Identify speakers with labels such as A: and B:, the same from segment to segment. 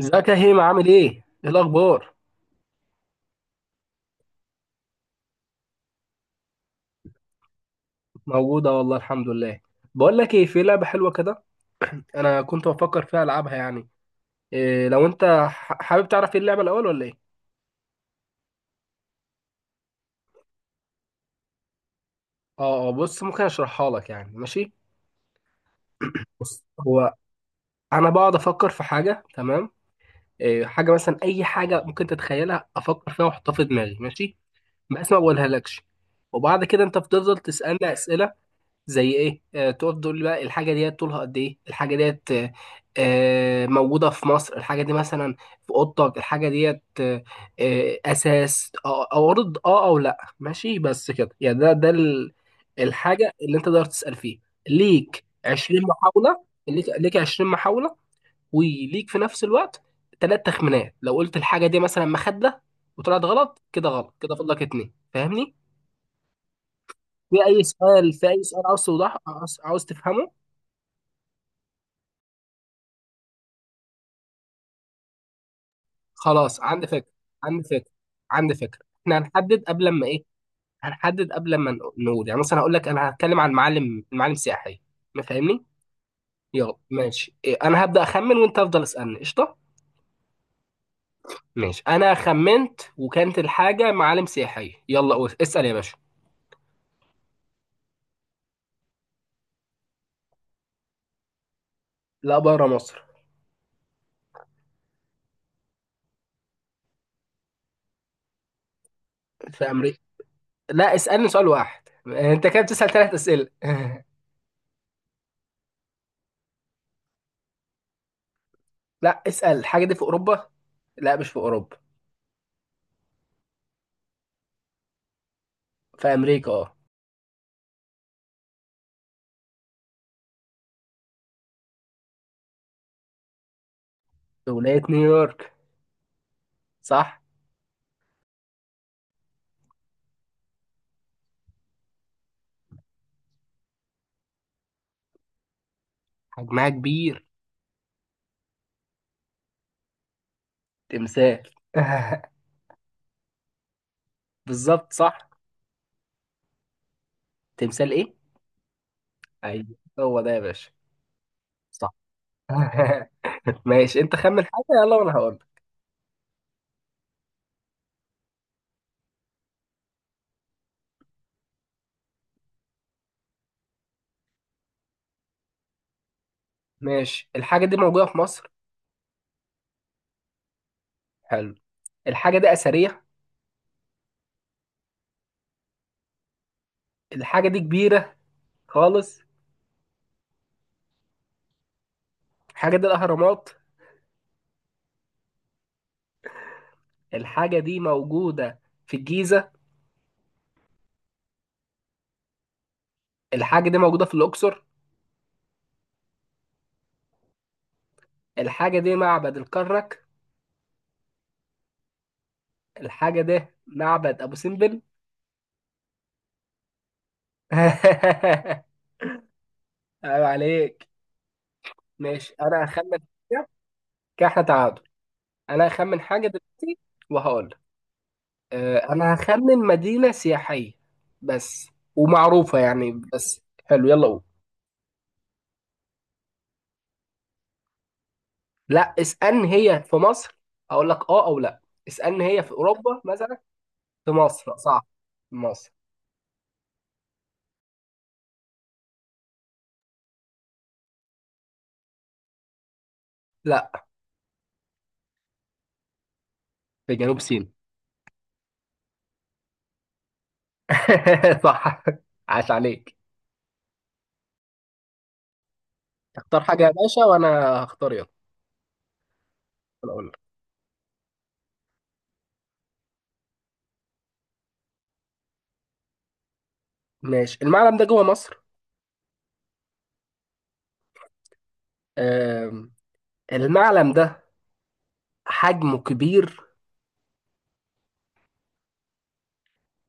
A: ازيك يا هيما؟ عامل ايه؟ ايه الاخبار؟ موجودة والله، الحمد لله. بقول لك ايه، في لعبة حلوة كده انا كنت بفكر فيها العبها يعني. إيه لو انت حابب تعرف ايه اللعبة الاول ولا ايه؟ اه بص، ممكن اشرحها لك يعني؟ ماشي؟ بص هو انا بقعد افكر في حاجة، تمام؟ إيه حاجة مثلا، اي حاجة ممكن تتخيلها افكر فيها واحطها في دماغي، ماشي؟ بس ما بقولها لكش. وبعد كده انت بتفضل تسألني اسئلة زي ايه، تقعد تقول لي بقى الحاجه ديت طولها قد ايه، الحاجه ديت موجوده في مصر الحاجه دي مثلا، في اوضتك الحاجه ديت اساس او ارض اه او لا، ماشي؟ بس كده يعني. الحاجه اللي انت تقدر تسال فيها، ليك 20 محاوله، ليك 20 محاوله. وليك في نفس الوقت ثلاث تخمينات. لو قلت الحاجه دي مثلا مخده وطلعت غلط، كده غلط كده فاضلك اتنين، فاهمني؟ في اي سؤال، في اي سؤال عاوز توضح، عاوز تفهمه. خلاص عندي فكرة. عندي فكرة احنا هنحدد قبل ما ايه، هنحدد قبل ما نقول. يعني مثلا هقول لك انا هتكلم عن معالم سياحية، ما فاهمني؟ يلا ماشي، إيه، انا هبدأ اخمن وانت افضل اسألني، قشطة؟ ماشي، انا خمنت وكانت الحاجة معالم سياحية، يلا قول اسأل يا باشا. لا، بره مصر. في امريكا. لا، اسألني سؤال واحد، انت كده بتسأل ثلاث اسئلة. لا، اسأل الحاجة دي في اوروبا. لا، مش في اوروبا. في امريكا اه. في ولاية نيويورك، صح. حجمها كبير. تمثال. بالظبط، صح. تمثال ايه؟ ايوه. هو ده يا باشا، صح. ماشي، انت خمن حاجه يلا وانا هقول. ماشي، الحاجه دي موجوده في مصر. حلو. الحاجه دي اثريه. الحاجه دي كبيره خالص. الحاجه دي الاهرامات. الحاجه دي موجوده في الجيزه. الحاجه دي موجوده في الاقصر. الحاجه دي معبد الكرنك. الحاجه دي معبد ابو سمبل. عيب عليك. ماشي انا هخمن. كده، كده احنا تعادل. انا هخمن حاجه دلوقتي وهقول لك. انا هخمن مدينه سياحيه بس، ومعروفه يعني. بس حلو، يلا قول. لا، اسالني هي في مصر، اقول لك اه او لا. اسالني هي في اوروبا مثلا. في مصر، صح. في مصر. لا. في جنوب سيناء. صح، عاش عليك. اختار حاجه يا باشا وانا هختار، يلا. أنا اقول لك. ماشي، المعلم ده جوه مصر. آم، المعلم ده حجمه كبير.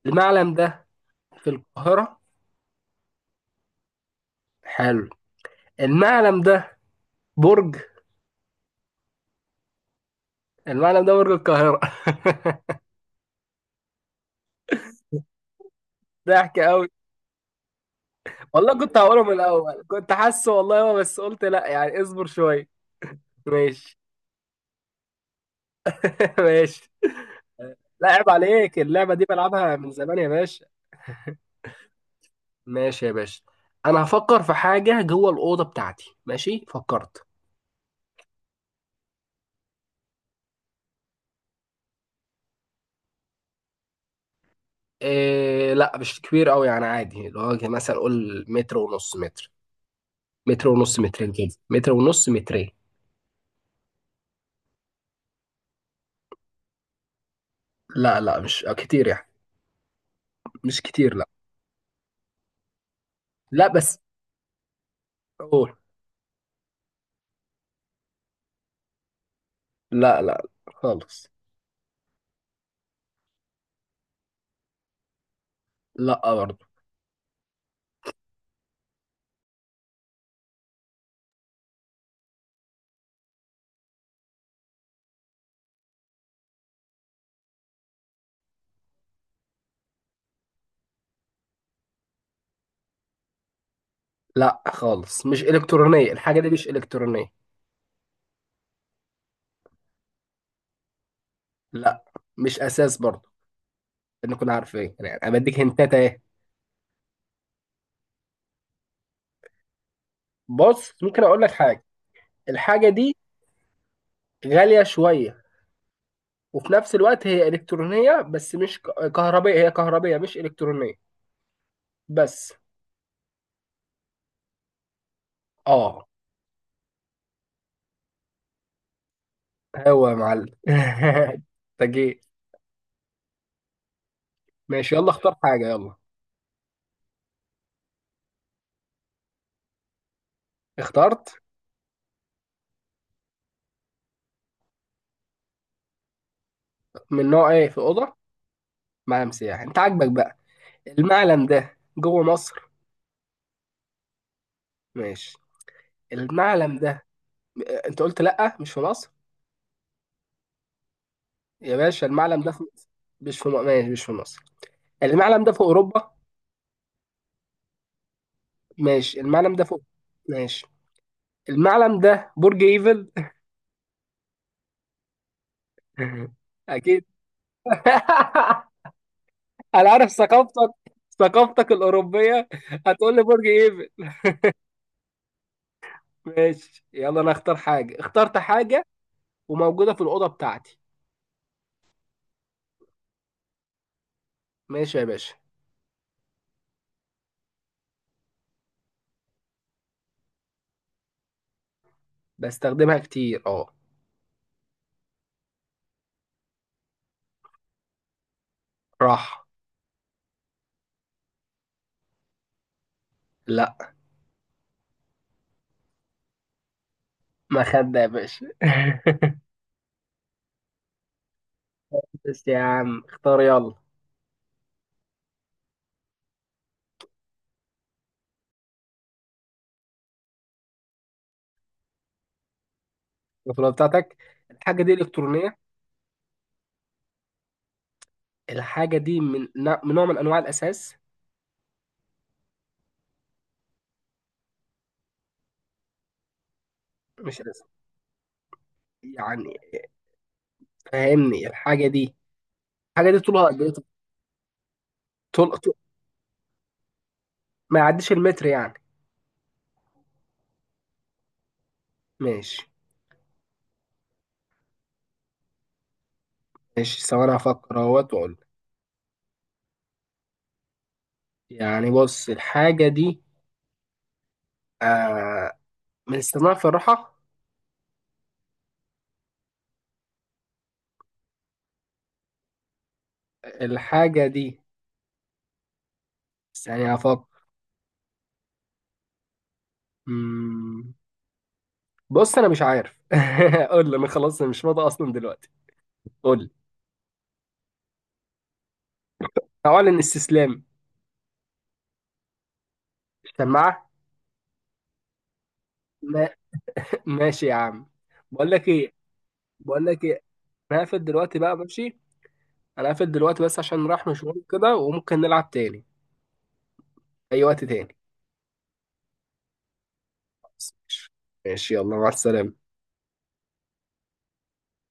A: المعلم ده في القاهره. حلو. المعلم ده برج. المعلم ده برج القاهرة. ضحك قوي. والله كنت هقوله من الأول، كنت حاسه والله، هو بس قلت لا يعني اصبر شوية. ماشي. ماشي. لا عيب عليك، اللعبة دي بلعبها من زمان يا باشا. ماشي يا باشا، أنا هفكر في حاجة جوه الأوضة بتاعتي. ماشي، فكرت. إيه؟ لا مش كبير قوي يعني، عادي، اللي هو مثلا قول متر ونص، متر، متر ونص، مترين كده، متر ونص، مترين. لا لا، مش كتير يعني. مش كتير، لا. لا بس قول. لا لا خالص. لا برضه. لا خالص، مش إلكترونية الحاجة دي، مش إلكترونية. لا، مش أساس برضه. نكون عارفين يعني، أنا بديك هنتات أهي. بص، ممكن أقول لك حاجة. الحاجة دي غالية شوية، وفي نفس الوقت هي إلكترونية، بس مش كهربائية. هي كهربائية مش إلكترونية، بس. آه. هو يا معلم. أنت جيت. ماشي، يلا اختار حاجة يلا. اخترت. من نوع إيه، في أوضة؟ معلم سياحي، أنت عاجبك بقى. المعلم ده جوه مصر؟ ماشي، المعلم ده، انت قلت لا مش في مصر، يا باشا المعلم ده في... مش في م- ماشي، مش في مصر. المعلم ده في اوروبا. ماشي، المعلم ده في. ماشي، المعلم ده برج ايفل. اكيد. انا عارف ثقافتك، ثقافتك الاوروبيه، هتقول لي برج ايفل. ماشي يلا، انا اختار حاجه، اخترت حاجه وموجوده في الاوضه بتاعتي. ماشي يا باشا. بستخدمها كتير، اه. راح. لا. ما خد يا باشا. بس يا عم اختار يلا. البطولة بتاعتك. الحاجة دي إلكترونية؟ الحاجة دي من من نوع من أنواع الأساس؟ مش الأساس يعني، فاهمني؟ الحاجة دي، الحاجة دي طولها قد إيه؟ طول طول- ما يعديش المتر يعني. ماشي، ماشي، ثواني هفكر أهوت وأقول. يعني بص، الحاجة دي آه من استخدامها في الراحة؟ الحاجة دي، ثانية هفكر. مم، بص أنا مش عارف. قول لي أنا، خلاص مش فاضي أصلا دلوقتي، قول لي، أعلن استسلام. سماعة. ما- ماشي يا عم. بقول لك ايه، بقول لك ايه، انا هقفل دلوقتي بقى، ماشي؟ انا هقفل دلوقتي بس عشان رايح مشوار كده، وممكن نلعب تاني اي وقت تاني. ماشي يلا، مع السلامة.